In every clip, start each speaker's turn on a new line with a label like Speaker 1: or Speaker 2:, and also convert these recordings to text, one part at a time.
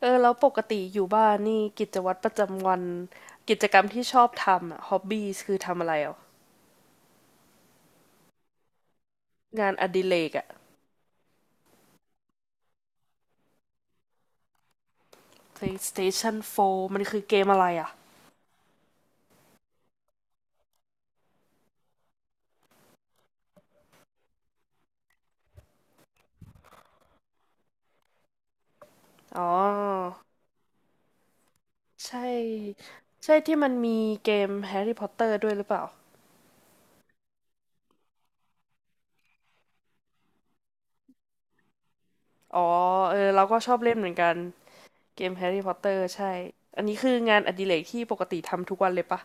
Speaker 1: เออแล้วปกติอยู่บ้านนี่กิจวัตรประจำวันกิจกรรมที่ชอบทำอะฮอบบี้คือทำอะไรอ่ะงานอดิเรกอะ PlayStation 4มันคือเกมอะไรอ่ะอ๋อใช่ใช่ที่มันมีเกม Harry Potter ด้วยหรือเปล่าอ๋อเออเราก็ชอบเล่นเหมือนกันเกม Harry Potter ใช่อันนี้คืองานอดิเรกที่ปกติทำทุกวันเลยปะ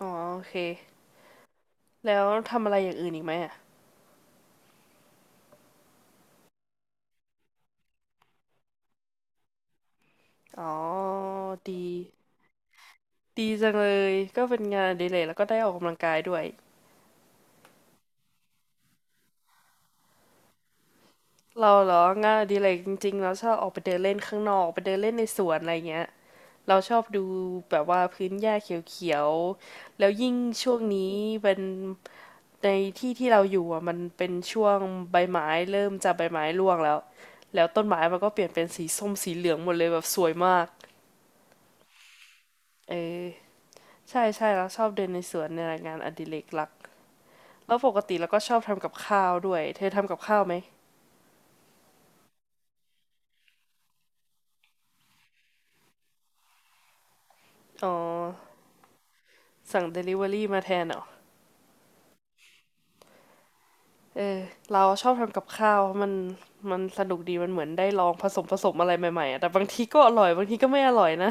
Speaker 1: อ๋อโอเคแล้วทำอะไรอย่างอื่นอีกไหมอ่ะอ๋อดี ดีจังเลยก็เป็นงานอดิเรกแล้วก็ได้ออกกำลังกายด้วยเราเหรองานอดิเรกจริงๆเราชอบออกไปเดินเล่นข้างนอกไปเดินเล่นในสวนอะไรเงี้ยเราชอบดูแบบว่าพื้นหญ้าเขียวๆแล้วยิ่งช่วงนี้เป็นในที่ที่เราอยู่อ่ะมันเป็นช่วงใบไม้เริ่มจะใบไม้ร่วงแล้วแล้วต้นไม้มันก็เปลี่ยนเป็นสีส้มสีเหลืองหมดเลยแบบสวยมากเออใช่ใช่เราชอบเดินในสวนในยงานอดิเรกหลักแล้วปกติเราก็ชอบทำกับข้าวด้วยเธอทำกับข้าวไหม อ๋อสั่งเดลิเวอรี่มาแทนเหรอเออเราชอบทำกับข้าวเมันมันสนุกดีมันเหมือนได้ลองผสมอะไรใหม่ๆอะแต่บางทีก็อร่อยบางทีก็ไม่อร่อยนะ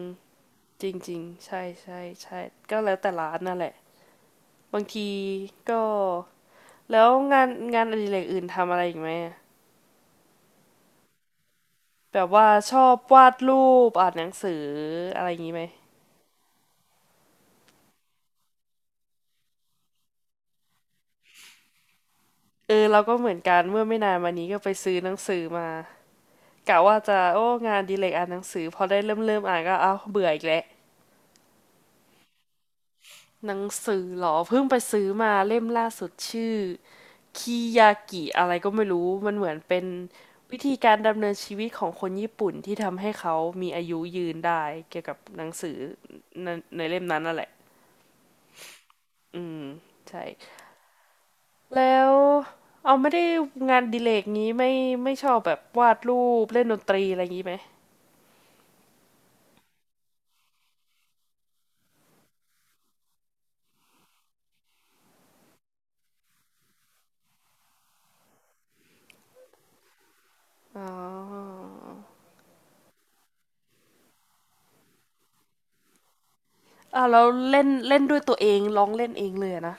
Speaker 1: จริงๆใช่ใช่ใช่ก็แล้วแต่ร้านนั่นแหละบางทีก็แล้วงานอดิเรกอื่นทำอะไรอีกไหมอะแบบว่าชอบวาดรูปอ่านหนังสืออะไรอย่างนี้ไหมเออเราก็เหมือนกันเมื่อไม่นานมานี้ก็ไปซื้อหนังสือมา กะว่าจะโอ้งานอดีเลกอ่านหนังสือพอได้เริ่มอ่านก็เอ้าวเบื่ออีกแล้วหนังสือเหรอเพิ่งไปซื้อมาเล่มล่าสุดชื่อคิยากิอะไรก็ไม่รู้มันเหมือนเป็นวิธีการดำเนินชีวิตของคนญี่ปุ่นที่ทำให้เขามีอายุยืนได้เกี่ยวกับหนังสือในในเล่มนั้นนั่นแหละอืมใช่แล้วเอาไม่ได้งานอดิเลกนี้ไม่ชอบแบบวาดรูปเล่นดนตรีอะไรอย่างนี้ไหมอ๋อ อ่าแล้วเล่นเล่นด้วยตัวเองร้องเล่นเองเลยอะนะ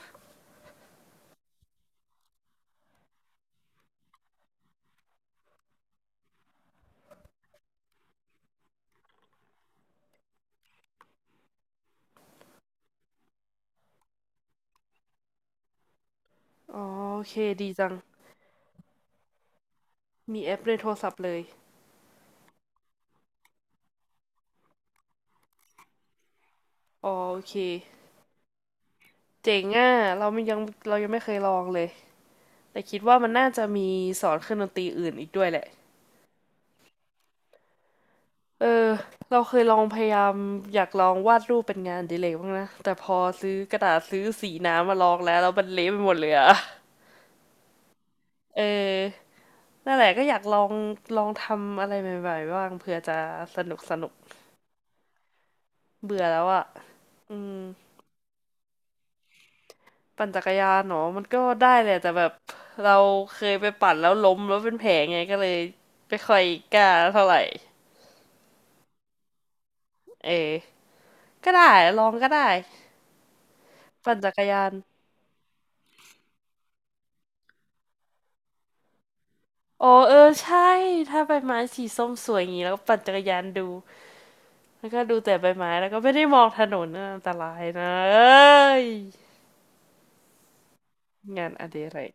Speaker 1: อ๋อโอเคดีจังมีแอปในโทรศัพท์เลยอ๋อโอเคเจ๋งอ่ะเรามันยังเรายังไม่เคยลองเลยแต่คิดว่ามันน่าจะมีสอนเครื่องดนตรีอื่นอีกด้วยแหละเออเราเคยลองพยายามอยากลองวาดรูปเป็นงานอดิเลยบ้างนะแต่พอซื้อกระดาษซื้อสีน้ำมาลองแล้วแล้วมันเละไปหมดเลยอะเออนั่นแหละก็อยากลองลองทำอะไรใหม่ๆบ้างเผื่อจะสนุกเบื่อแล้วอะอืม ปั่นจักรยานเนาะมันก็ได้แหละแต่แบบเราเคยไปปั่นแล้วล้มแล้วเป็นแผลไงก็เลยไม่ค่อยกล้าเท่าไหร่เออก็ได้ลองก็ได้ปั่นจักรยานอ๋อเออใช่ถ้าใบไม้สีส้มสวยอย่างนี้แล้วก็ปั่นจักรยานดูแล้วก็ดูแต่ใบไม้แล้วก็ไม่ได้มองถนนนะอันตรายนะเอ้ยงานอดิเรก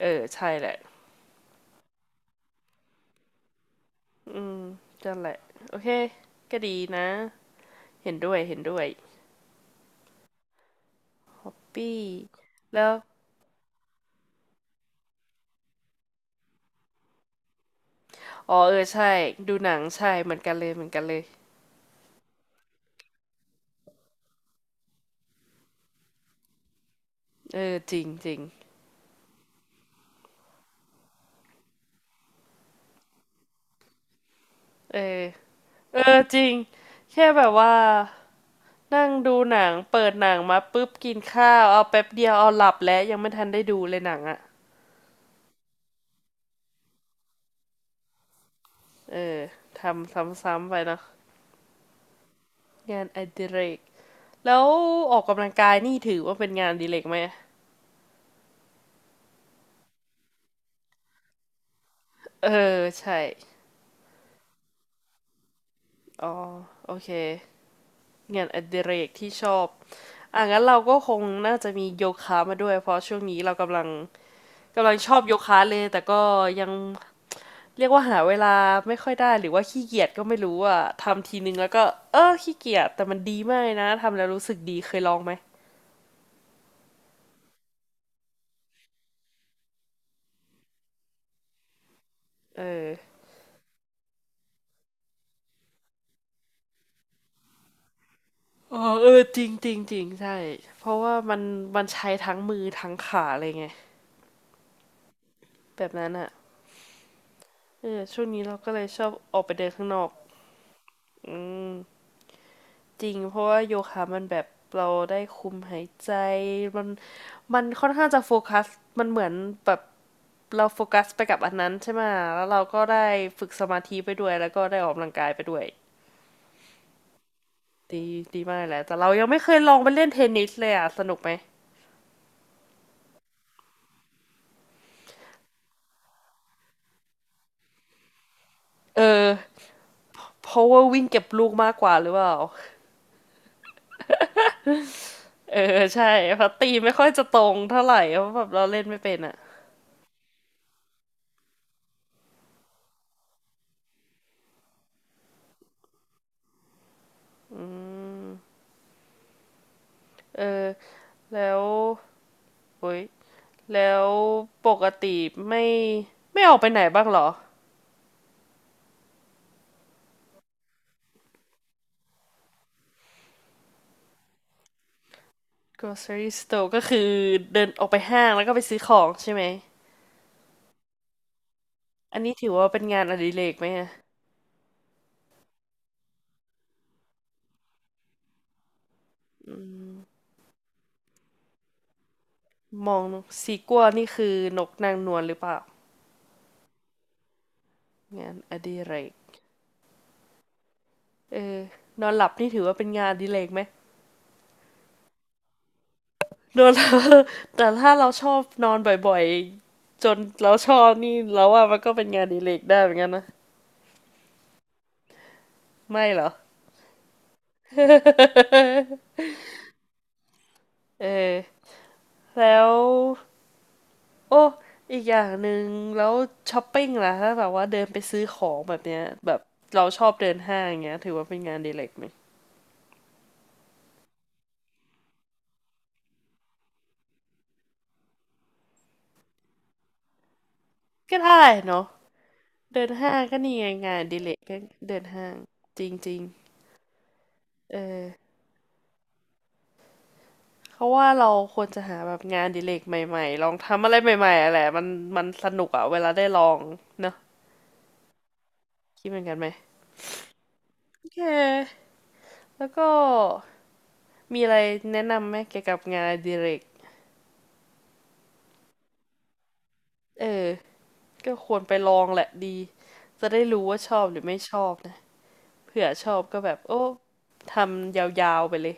Speaker 1: เออใช่แหละอืมนั่นแหละโอเคก็ดีนะเห็นด้วยเห็นด้วยปี้แล้ว อ๋อเออใช่ดูหนังใช่เหมือนกันเลยเหมือนกันเลยเออจริงจริงเออเออจริงแค่แบบว่านั่งดูหนังเปิดหนังมาปุ๊บกินข้าวเอาแป๊บเดียวเอาหลับแล้วยังไม่ทันได้ดูเลยหนังอ่ะเออทำซ้ำๆไปเนาะงานอดิเรกแล้วออกกำลังกายนี่ถือว่าเป็นงานอดิเรกไหมเออใช่อ๋อโอเคงานอดิเรกที่ชอบอ่ะงั้นเราก็คงน่าจะมีโยคะมาด้วยเพราะช่วงนี้เรากำลัง กำลังชอบโยคะเลยแต่ก็ยังเรียกว่าหาเวลาไม่ค่อยได้หรือว่าขี้เกียจก็ไม่รู้อ่ะทำทีนึงแล้วก็เออขี้เกียจแต่มันดีมากเลยนะทำแล้วรู้สึกดีเคยลองไหมเอออ๋อเออจริงจริงจริงใช่เพราะว่ามันใช้ทั้งมือทั้งขาเลยไงแบบนั้นอ่ะเออช่วงนี้เราก็เลยชอบออกไปเดินข้างนอกอืมจริงเพราะว่าโยคะมันแบบเราได้คุมหายใจมันมันค่อนข้างจะโฟกัสมันเหมือนแบบ เราโฟกัสไปกับอันนั้นใช่ไหมแล้วเราก็ได้ฝึกสมาธิไปด้วยแล้วก็ได้ออกกำลังกายไปด้วยดีดีมากแหละแต่เรายังไม่เคยลองไปเล่นเทนนิสเลยอ่ะสนุกไหมเออเพราะว่าวิ่งเก็บลูกมากกว่าหรือเปล่าเออใช่เพราะตีไม่ค่อยจะตรงเท่าไหร่เพราะแบบเราเล่นไม่เป็นอ่ะเออแล้วโอ้ยแล้วปกติไม่ไม่ออกไปไหนบ้างหรอ grocery store ก็คือเดินออกไปห้างแล้วก็ไปซื้อของใช่ไหมอันนี้ถือว่าเป็นงานอดิเรกไหมอ่ะอืม มองสีกัวนี่คือนกนางนวลหรือเปล่างานอดิเรกเออนอนหลับนี่ถือว่าเป็นงานอดิเรกไหมนอนหลับแต่ถ้าเราชอบนอนบ่อยๆจนเราชอบนี่เราว่ามันก็เป็นงานอดิเรกได้เหมือนกันนะไม่เหรอ เออแล้วโอ้อีกอย่างหนึ่งแล้วช้อปปิ้งล่ะถ้าแบบว่าเดินไปซื้อของแบบเนี้ยแบบเราชอบเดินห้างอย่างเงี้ยถือว่าเป็นงานอดีเล็กไหมก็ได้เนาะ เดินห้างก็นี่ไงงานอดิเลกก็เดินห้างจริงๆ เออเขาว่าเราควรจะหาแบบงานอดิเลกใหม่ๆลองทำอะไรใหม่ๆอะไรมันมันสนุกอะเวลาได้ลองเนอะคิดเหมือนกันไหมโอเคแล้วก็มีอะไรแนะนำไหมเกี่ยวกับงานอดิเลกเออก็ควรไปลองแหละดีจะได้รู้ว่าชอบหรือไม่ชอบนะเผื่อชอบก็แบบโอ้ทำยาวๆไปเลย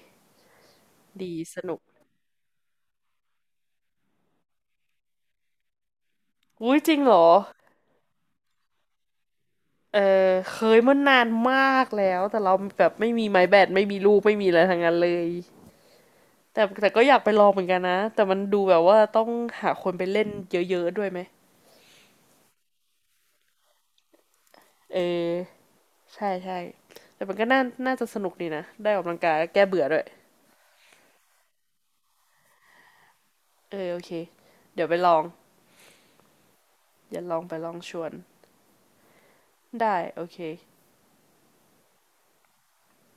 Speaker 1: ดีสนุกอุ้ยจริงเหรอ เออเคยเมื่อนานมากแล้วแต่เราแบบไม่มีไม้แบตไม่มีลูกไม่มีอะไรทั้งนั้นเลยแต่แต่ก็อยากไปลองเหมือนกันนะแต่มันดูแบบว่าต้องหาคนไปเล่นเยอะๆด้วยไหมเออใช่ใช่แต่มันก็น่าน่าจะสนุกดีนะได้ออกกำลังกายแล้วแก้เบื่อด้วยเออโอเคเดี๋ยวไปลองเดี๋ยวลองไปลองชวนได้โอเค